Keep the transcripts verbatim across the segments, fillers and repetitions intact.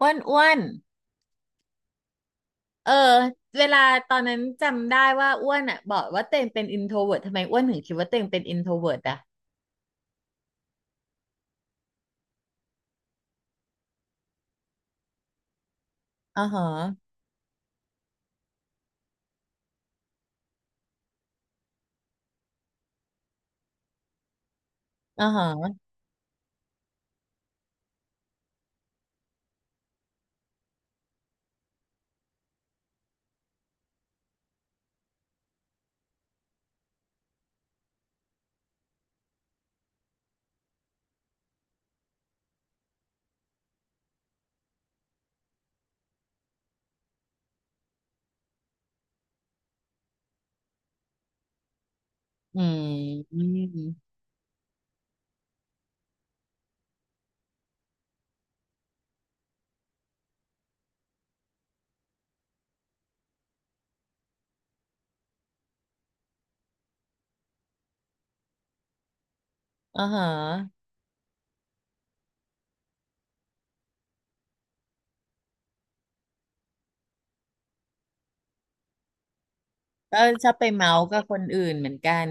อ้วนอ้วนเออเวลาตอนนั้นจำได้ว่าอ้วนอ่ะบอกว่าเต็งเป็นอินโทรเวิร์ทำไมอ้วนถึงคิดว่าเต็งเป็นอินโทรเวิร์อ่ะอ๋าฮะอ๋อฮะอืมอ๋อฮะก็ชอบไปเมาส์กับคนอื่นเหมือนกัน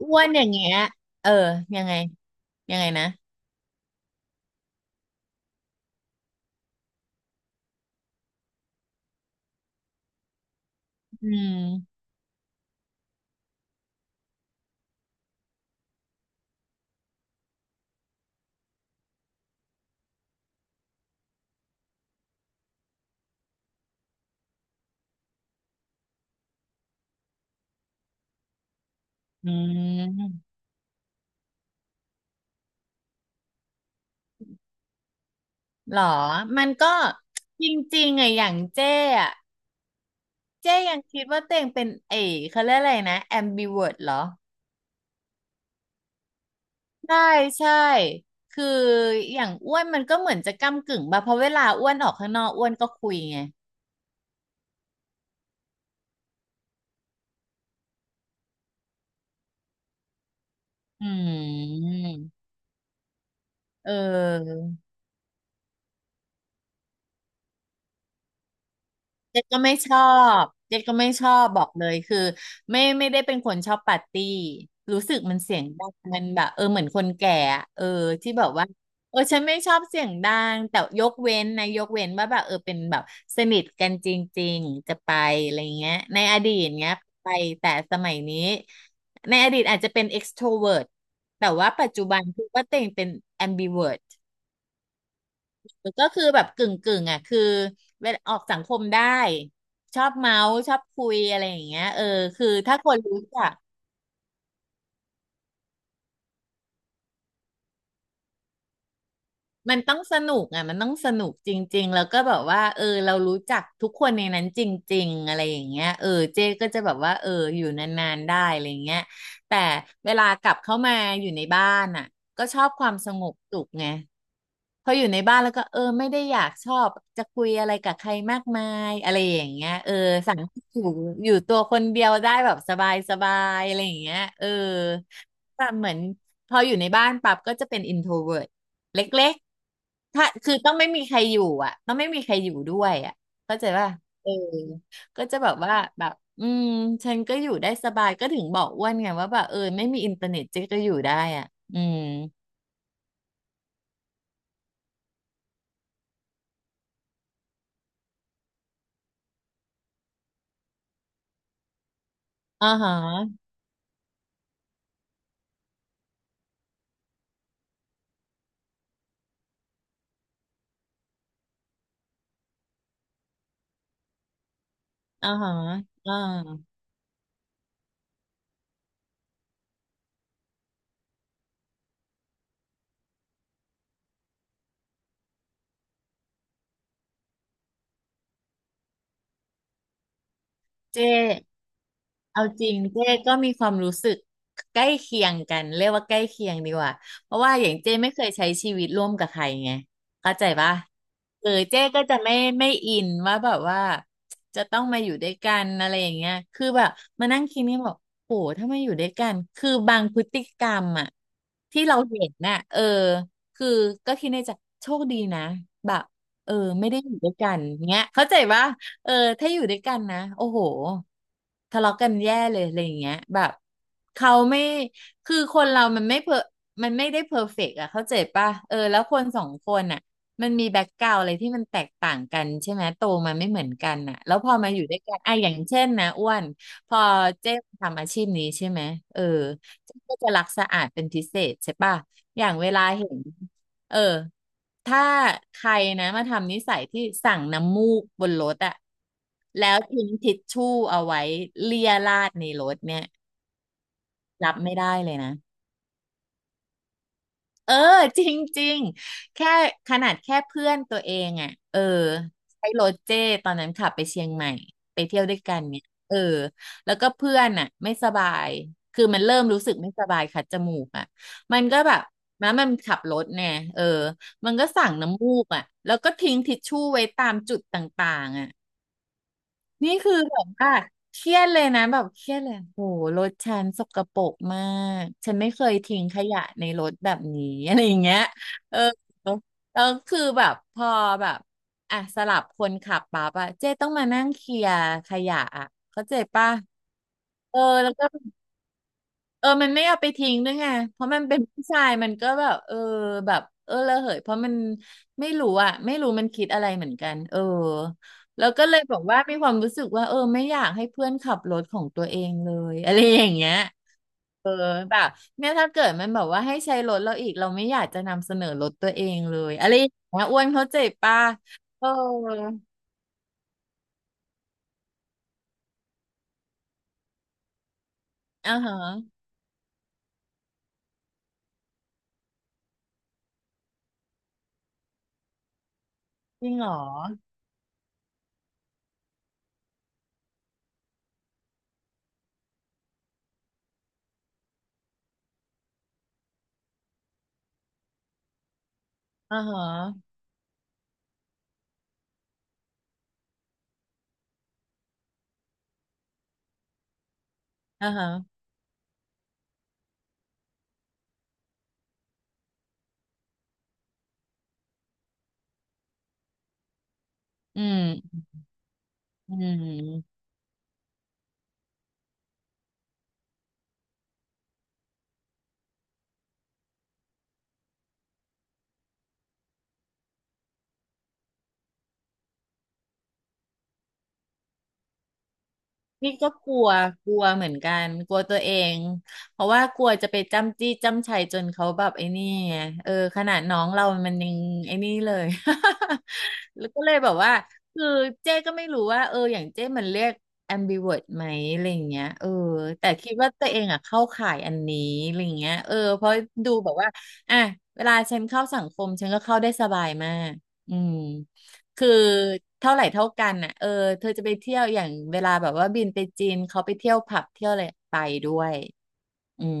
อ้วนอย่างเงี้ยเออยังไงยังไงนะอืมอืมหรอมันก็จริงๆไงอะอย่างเจ้อะเจ้ยังคิดว่าเต่งเป็นเอ๋เขาเรียกอะไรนะ a m b i v e r t เหรอ ใช่ใช่คืออย่างอ้วนมันก็เหมือนจะก้ำกึ่งป่ะเพราะเวลาอ้วนออกข้างนอกอ้วนก็คุยไงอืมเออ เจ๊ก็ไม่ชอบเจ๊ก็ไม่ชอบบอกเลยคือไม่ไม่ได้เป็นคนชอบปาร์ตี้รู้สึกมันเสียงดังมันแบบเออเหมือนคนแก่อะเออที่แบบว่าเออฉันไม่ชอบเสียงดังแต่ยกเว้นนะยกเว้นว่าแบบเออเป็นแบบสนิทกันจริงๆจะไปอะไรเงี้ยในอดีตเงี้ยไปแต่สมัยนี้ในอดีตอาจจะเป็น extrovert แต่ว่าปัจจุบันคือว่าเต่งเป็น ambivert ก็คือแบบกึ่งกึ่งอ่ะคือเวลาออกสังคมได้ชอบเมาส์ชอบคุยอะไรอย่างเงี้ยเออคือถ้าคนรู้จักมันต้องสนุกอ่ะมันต้องสนุกจริงๆแล้วก็แบบว่าเออเรารู้จักทุกคนในนั้นจริงๆอะไรอย่างเงี้ยเออเจ๊ก็จะแบบว่าเอออยู่นานๆได้อะไรอย่างเงี้ยแต่เวลากลับเข้ามาอยู่ในบ้านอ่ะก็ชอบความสงบสุขไง พออยู่ในบ้านแล้วก็เออไม่ได้อยากชอบจะคุยอะไรกับใครมากมายอะไรอย่างเงี้ยเออสั่งอยู่อยู่ตัวคนเดียวได้แบบสบายสบายอะไรอย่างเงี้ยเออแบบเหมือนพออยู่ในบ้านปั๊บก็จะเป็นอินโทรเวิร์ตเล็กๆ ถ้าคือต้องไม่มีใครอยู่อ่ะต้องไม่มีใครอยู่ด้วยอ่ะเข้าใจป่ะเออก็จะแบบว่าแบบอืมฉันก็อยู่ได้สบายก็ถึงบอกอ้วนไงว่าแบบเออไม่มีอินเทอร์เน็ตเจ๊ก็อยู่ได้อ่ะอืมอ่าฮะ อ่าฮะอ่าเจ๊เอาจริงเจ๊ก็มีความรู้สึกใกล้เคียงกันเรียกว่าใกล้เคียงดีกว่าเพราะว่าอย่างเจ๊ไม่เคยใช้ชีวิตร่วมกับใครไงเข้าใจปะเออเจ๊ก็จะไม่ไม่อินว่าแบบว่าจะต้องมาอยู่ด้วยกันอะไรอย่างเงี้ยคือแบบมานั่งคิดนี่บอกโหถ้ามาอยู่ด้วยกันคือบางพฤติกรรมอะที่เราเห็นน่ะเออคือก็คิดในใจโชคดีนะแบบเออไม่ได้อยู่ด้วยกันเงี้ยเข้าใจปะ เออถ้าอยู่ด้วยกันนะโอ้โหทะเลาะกันแย่เลยอะไรอย่างเงี้ยแบบเขาไม่คือคนเรามันไม่เพอมันไม่ได้เพอร์เฟกต์อะเข้าใจป่ะเออแล้วคนสองคนอะมันมีแบ็กกราวอะไรที่มันแตกต่างกันใช่ไหมโตมาไม่เหมือนกันอะแล้วพอมาอยู่ด้วยกันอะอย่างเช่นนะอ้วนพอเจ๊ทำอาชีพนี้ใช่ไหมเออเจ๊ก็จะรักสะอาดเป็นพิเศษใช่ป่ะอย่างเวลาเห็นเออ ถ้าใครนะมาทำนิสัยที่สั่งน้ำมูกบนรถอะแล้วทิ้งทิชชู่เอาไว้เลียราดในรถเนี่ยรับไม่ได้เลยนะ เออ จริงจริงแค่ขนาดแค่เพื่อนตัวเองอ่ะเออใช้รถเจ้ตอนนั้นขับไปเชียงใหม่ไปเที่ยวด้วยกันเนี่ยเออแล้วก็เพื่อนอ่ะไม่สบายคือมันเริ่มรู้สึกไม่สบายคัดจมูกอ่ะมันก็แบบนะมันขับรถเนี่ยเออมันก็สั่งน้ำมูกอ่ะแล้วก็ทิ้งทิชชู่ไว้ตามจุดต่างๆอ่ะ นี่คือแบบว่าเครียดเลยนะแบบเครียดเลยโอ้โหรถฉันสกปรกมากฉันไม่เคยทิ้งขยะในรถแบบนี้อะไรอย่างเงี้ยเออแล้วคือแบบพอแบบอ่ะสลับคนขับปั๊บอะเจ๊ต้องมานั่งเคลียร์ขยะอะเข้าใจป่ะเออแล้วก็ เออมันไม่เอาไปทิ้งด้วยไงเพราะมันเป็นผู้ชายมันก็แบบเออแบบเออระเหยเพราะมันไม่รู้อะไม่รู้มันคิดอะไรเหมือนกันเออแล้วก็เลยบอกว่ามีความรู้สึกว่าเออไม่อยากให้เพื่อนขับรถของตัวเองเลย อะไรอย่างเงี้ยเออแบบเนี่ยถ้าเกิดมันแบบว่าให้ใช้รถเราอีกเราไม่อยากจะนำเสนอรถตัวเองเลยอะไรอย่างเงี้ยอ้วนเข้าใจป่ะเอออ่าฮะจริงเหรออ่าฮะอ่าฮะอืมอืม พี่ก็กลัวกลัวเหมือนกันกลัวตัวเองเพราะว่ากลัวจะไปจ้ำจี้จ้ำชัยจนเขาแบบไอ้นี่ไงเออขนาดน้องเรามันยังไอ้นี่เลย แล้วก็เลยแบบว่าคือเจ๊ก็ไม่รู้ว่าเอออย่างเจ๊มันเรียก แอมบิเวิร์ต ไหมอะไรอย่างเงี้ยเออแต่คิดว่าตัวเองอ่ะเข้าข่ายอันนี้อะไรอย่างเงี้ยเออเพราะดูแบบว่าอ่ะเวลาฉันเข้าสังคมฉันก็เข้าได้สบายมากอืม คือเท่าไหร่เท่ากันอ่ะเออเธอจะไปเที่ยวอย่างเวลาแบบว่าบินไปจีนเขาไปเที่ยวผับเที่ยวอะไรไปด้วยอืม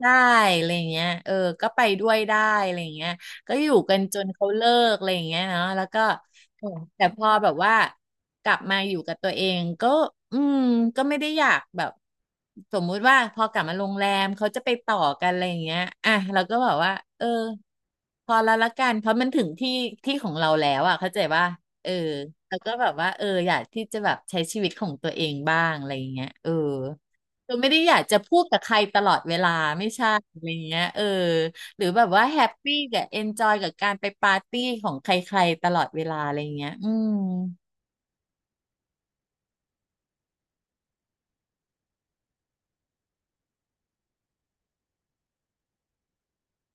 ได้อะไรอย่างเงี้ยเออก็ไปด้วยได้อะไรอย่างเงี้ย ก็อยู่กันจนเขาเลิกอะไรอย่างเงี้ยเนาะแล้วก็เออแต่พอแบบว่ากลับมาอยู่กับตัวเองก็ อืม ก็ไม่ได้อยากแบบสมมุติว่าพอกลับมาโรงแรมเขาจะไปต่อกันอะไรอย่างเงี้ยอ่ะเราก็บอกว่า เออ พอแล้วละกัน เพราะมันถึงที่ที่ของเราแล้วอ่ะเข้าใจว่าเออแล้วก็แบบว่าเอออยากที่จะแบบใช้ชีวิตของตัวเองบ้างอะไรอย่างเงี้ยเออ เราไม่ได้อยากจะพูดกับใครตลอดเวลาไม่ใช่อะไรเงี้ยเออหรือแบบว่าแฮปปี้กับเอนจอยกับการไปปาร์ตี้ของใครๆตลอดเวลาอะไรเงี้ยอืม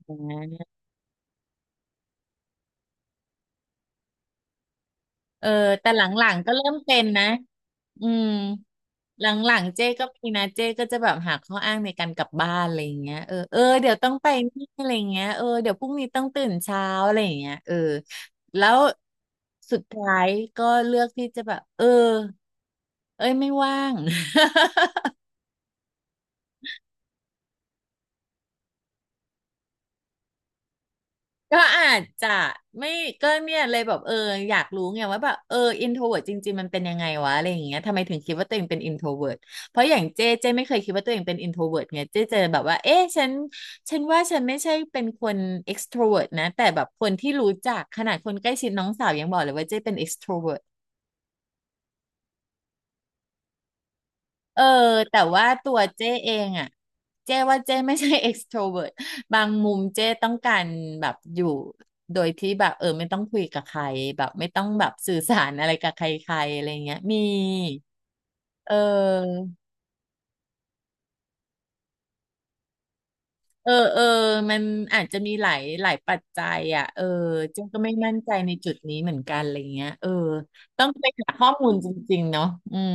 นะ เออแต่หลังๆก็เริ่มเป็นนะอืมหลังๆเจ๊ก็มีนะเจ๊ก็จะแบบหาข้ออ้างในการกลับบ้านอะไรอย่างเงี้ยเออเออเดี๋ยวต้องไปนี่อะไรอย่างเงี้ยเออเดี๋ยวพรุ่งนี้ต้องตื่นเช้าอะไรอย่างเงี้ยเออแล้วสุดท้ายก็เลือกที่จะแบบเออเอ้ยไม่ว่าง ก็อาจจะไม่ก็เนี่ยเลยแบบเอออยากรู้ไงว่าแบบเอออินโทรเวิร์ตจริงๆมันเป็นยังไงวะอะไรอย่างเงี้ยทำไมถึงคิดว่าตัวเองเป็นอินโทรเวิร์ตเพราะอย่างเจ๊เจ๊ไม่เคยคิดว่าตัวเองเป็นอินโทรเวิร์ตไงเจ๊เจอแบบว่าเอ๊ะฉันฉันว่าฉันไม่ใช่เป็นคนเอ็กซ์โทรเวิร์ตนะแต่แบบคนที่รู้จักขนาดคนใกล้ชิดน้องสาวยังบอกเลยว่าเจ๊เป็นเอ็กโทรเวิร์ต เออแต่ว่าตัวเจ้เองอ่ะเจ้ว่าเจ้ไม่ใช่ เอ็กซ์โทรเวิร์ต บางมุมเจ้ต้องการแบบอยู่โดยที่แบบเออไม่ต้องคุยกับใครแบบไม่ต้องแบบสื่อสารอะไรกับใครๆอะไรเงี้ยมีเออเออเออมันอาจจะมีหลายหลายปัจจัยอ่ะเออเจ้ก็ไม่มั่นใจในจุดนี้เหมือนกันอะไรเงี้ยเออต้องไปหาข้อมูลจริงๆเนาะอืม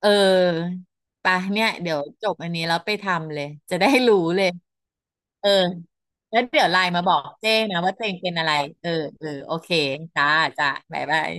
เออไปเนี่ยเดี๋ยวจบอันนี้แล้วไปทำเลยจะได้รู้เลยเออแล้วเดี๋ยวไลน์มาบอกเจ้นะว่าเจ้งเป็นอะไรเออเออโอเคจ้าจ้าบ๊ายบาย